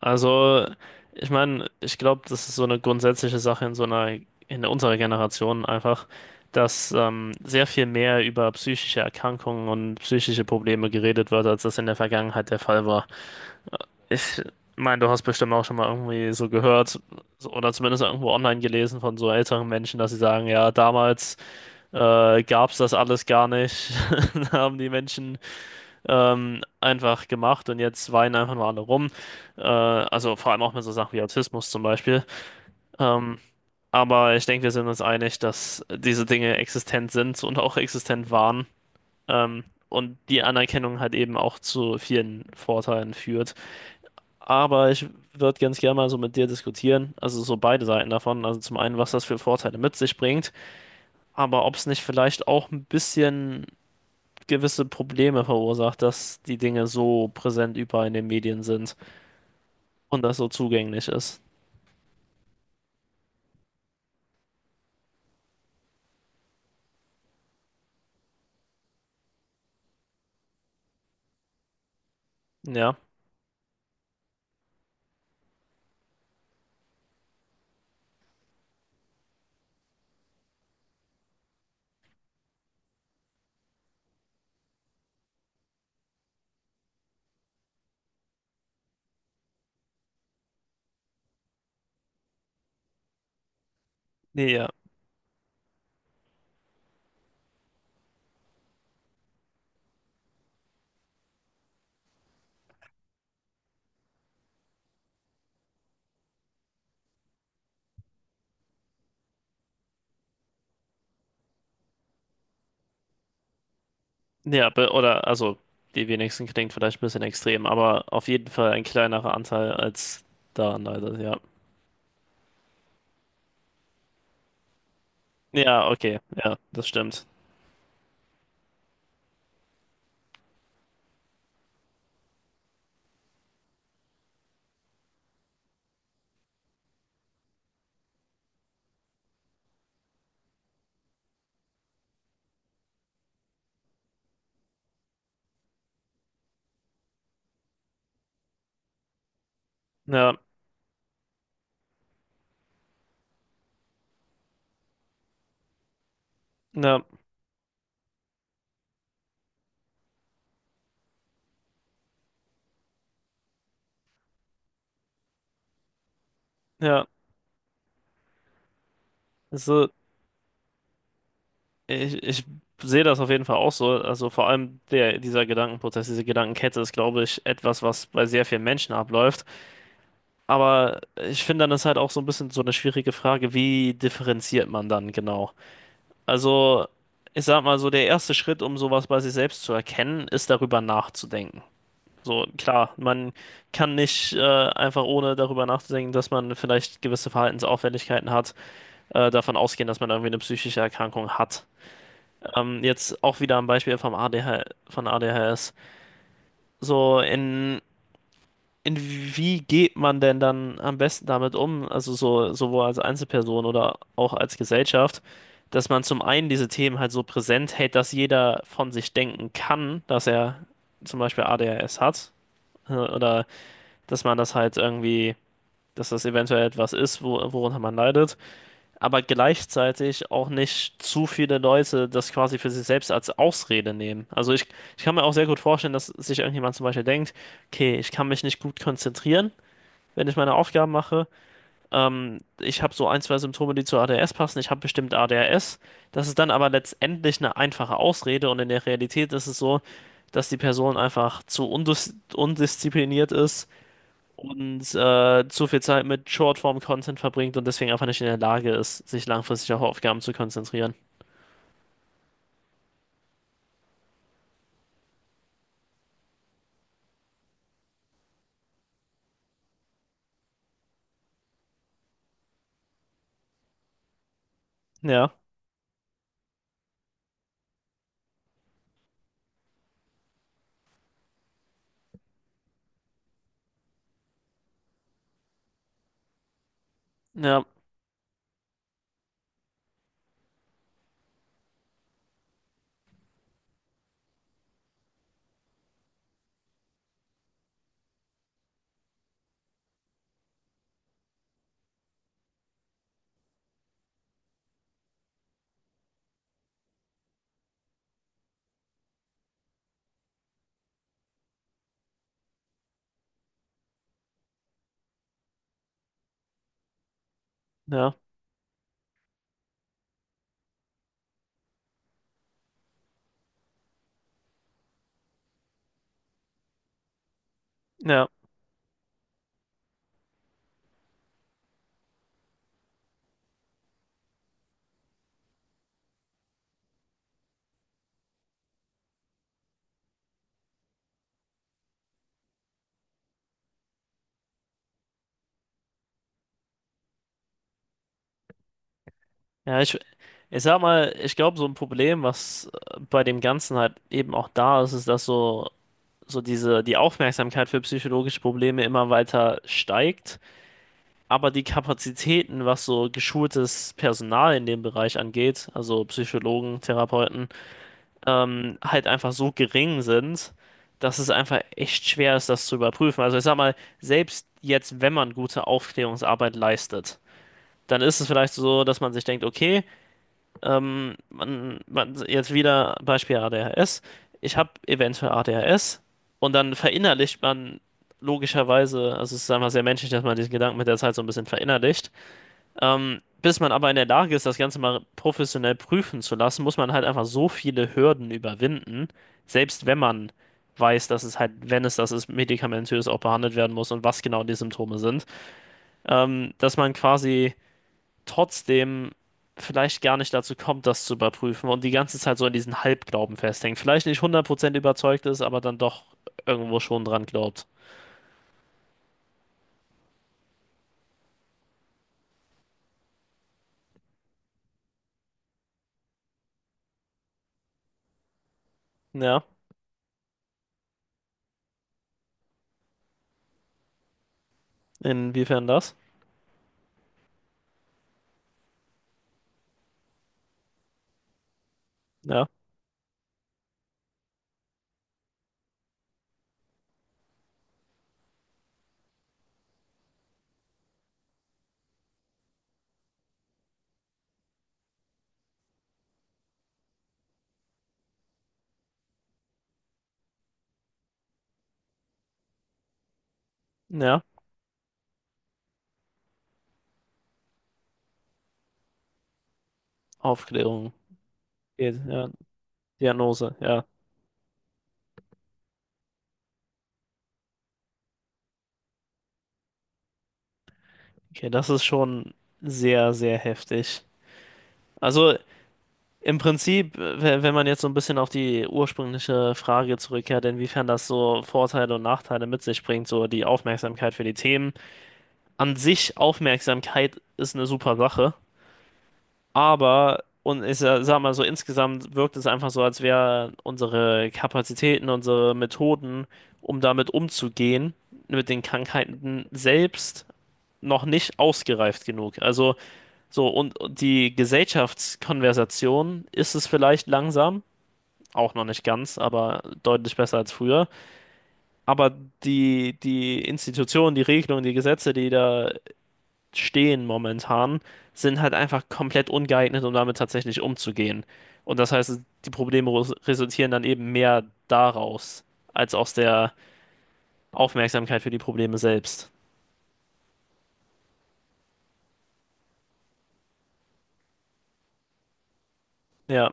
Also, ich meine, ich glaube, das ist so eine grundsätzliche Sache in so einer, in unserer Generation einfach, dass sehr viel mehr über psychische Erkrankungen und psychische Probleme geredet wird, als das in der Vergangenheit der Fall war. Ich meine, du hast bestimmt auch schon mal irgendwie so gehört oder zumindest irgendwo online gelesen von so älteren Menschen, dass sie sagen, ja, damals gab es das alles gar nicht. Da haben die Menschen einfach gemacht und jetzt weinen einfach nur alle rum. Also vor allem auch mit so Sachen wie Autismus zum Beispiel. Ähm, aber ich denke, wir sind uns einig, dass diese Dinge existent sind und auch existent waren. Und die Anerkennung halt eben auch zu vielen Vorteilen führt. Aber ich würde ganz gerne mal so mit dir diskutieren, also so beide Seiten davon. Also zum einen, was das für Vorteile mit sich bringt, aber ob es nicht vielleicht auch ein bisschen gewisse Probleme verursacht, dass die Dinge so präsent überall in den Medien sind und das so zugänglich ist. Ja, nee, ja, nee, ja, oder also die wenigsten klingt vielleicht ein bisschen extrem, aber auf jeden Fall ein kleinerer Anteil als da leider, ja. Ja, okay, ja, das stimmt. Ja, ja, ja, also ich sehe das auf jeden Fall auch so, also vor allem der, dieser Gedankenprozess, diese Gedankenkette ist, glaube ich, etwas, was bei sehr vielen Menschen abläuft. Aber ich finde, dann ist halt auch so ein bisschen so eine schwierige Frage, wie differenziert man dann genau? Also, ich sag mal so, der erste Schritt, um sowas bei sich selbst zu erkennen, ist darüber nachzudenken. So, klar, man kann nicht einfach ohne darüber nachzudenken, dass man vielleicht gewisse Verhaltensauffälligkeiten hat, davon ausgehen, dass man irgendwie eine psychische Erkrankung hat. Jetzt auch wieder am Beispiel vom ADH, von ADHS. So, in wie geht man denn dann am besten damit um, also so, sowohl als Einzelperson oder auch als Gesellschaft, dass man zum einen diese Themen halt so präsent hält, dass jeder von sich denken kann, dass er zum Beispiel ADHS hat oder dass man das halt irgendwie, dass das eventuell etwas ist, wo, worunter man leidet, aber gleichzeitig auch nicht zu viele Leute das quasi für sich selbst als Ausrede nehmen. Also ich kann mir auch sehr gut vorstellen, dass sich irgendjemand zum Beispiel denkt, okay, ich kann mich nicht gut konzentrieren wenn ich meine Aufgaben mache. Ich habe so ein, zwei Symptome, die zu ADS passen. Ich habe bestimmt ADHS. Das ist dann aber letztendlich eine einfache Ausrede und in der Realität ist es so, dass die Person einfach zu undiszipliniert ist und zu viel Zeit mit Shortform-Content verbringt und deswegen einfach nicht in der Lage ist, sich langfristig auf Aufgaben zu konzentrieren. Ja, ja, ja, ja. Ja, ich sag mal, ich glaube, so ein Problem, was bei dem Ganzen halt eben auch da ist, ist, dass so diese, die Aufmerksamkeit für psychologische Probleme immer weiter steigt, aber die Kapazitäten, was so geschultes Personal in dem Bereich angeht, also Psychologen, Therapeuten, halt einfach so gering sind, dass es einfach echt schwer ist, das zu überprüfen. Also ich sag mal, selbst jetzt, wenn man gute Aufklärungsarbeit leistet, dann ist es vielleicht so, dass man sich denkt, okay, jetzt wieder Beispiel ADHS. Ich habe eventuell ADHS und dann verinnerlicht man logischerweise, also es ist einfach sehr menschlich, dass man diesen Gedanken mit der Zeit so ein bisschen verinnerlicht. Bis man aber in der Lage ist, das Ganze mal professionell prüfen zu lassen, muss man halt einfach so viele Hürden überwinden, selbst wenn man weiß, dass es halt, wenn es das ist, medikamentös auch behandelt werden muss und was genau die Symptome sind, dass man quasi trotzdem vielleicht gar nicht dazu kommt, das zu überprüfen und die ganze Zeit so in diesen Halbglauben festhängt. Vielleicht nicht 100% überzeugt ist, aber dann doch irgendwo schon dran glaubt. Ja, inwiefern das? Ja, ja, Aufklärung, ja, ja, Diagnose, ja. Okay, das ist schon sehr, sehr heftig. Also im Prinzip, wenn man jetzt so ein bisschen auf die ursprüngliche Frage zurückkehrt, inwiefern das so Vorteile und Nachteile mit sich bringt, so die Aufmerksamkeit für die Themen an sich Aufmerksamkeit ist eine super Sache, aber und ich sag mal so, insgesamt wirkt es einfach so, als wären unsere Kapazitäten, unsere Methoden, um damit umzugehen, mit den Krankheiten selbst noch nicht ausgereift genug. Also so und die Gesellschaftskonversation ist es vielleicht langsam. Auch noch nicht ganz, aber deutlich besser als früher. Aber die Institutionen, die Regelungen, die Gesetze, die da stehen momentan, sind halt einfach komplett ungeeignet, um damit tatsächlich umzugehen. Und das heißt, die Probleme resultieren dann eben mehr daraus, als aus der Aufmerksamkeit für die Probleme selbst. Ja.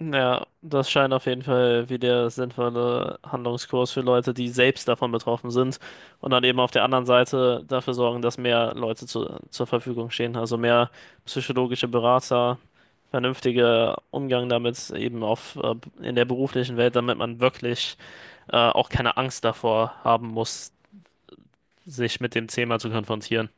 Ja, das scheint auf jeden Fall wie der sinnvolle Handlungskurs für Leute, die selbst davon betroffen sind und dann eben auf der anderen Seite dafür sorgen, dass mehr Leute zur Verfügung stehen, also mehr psychologische Berater, vernünftiger Umgang damit eben auf in der beruflichen Welt, damit man wirklich auch keine Angst davor haben muss, sich mit dem Thema zu konfrontieren.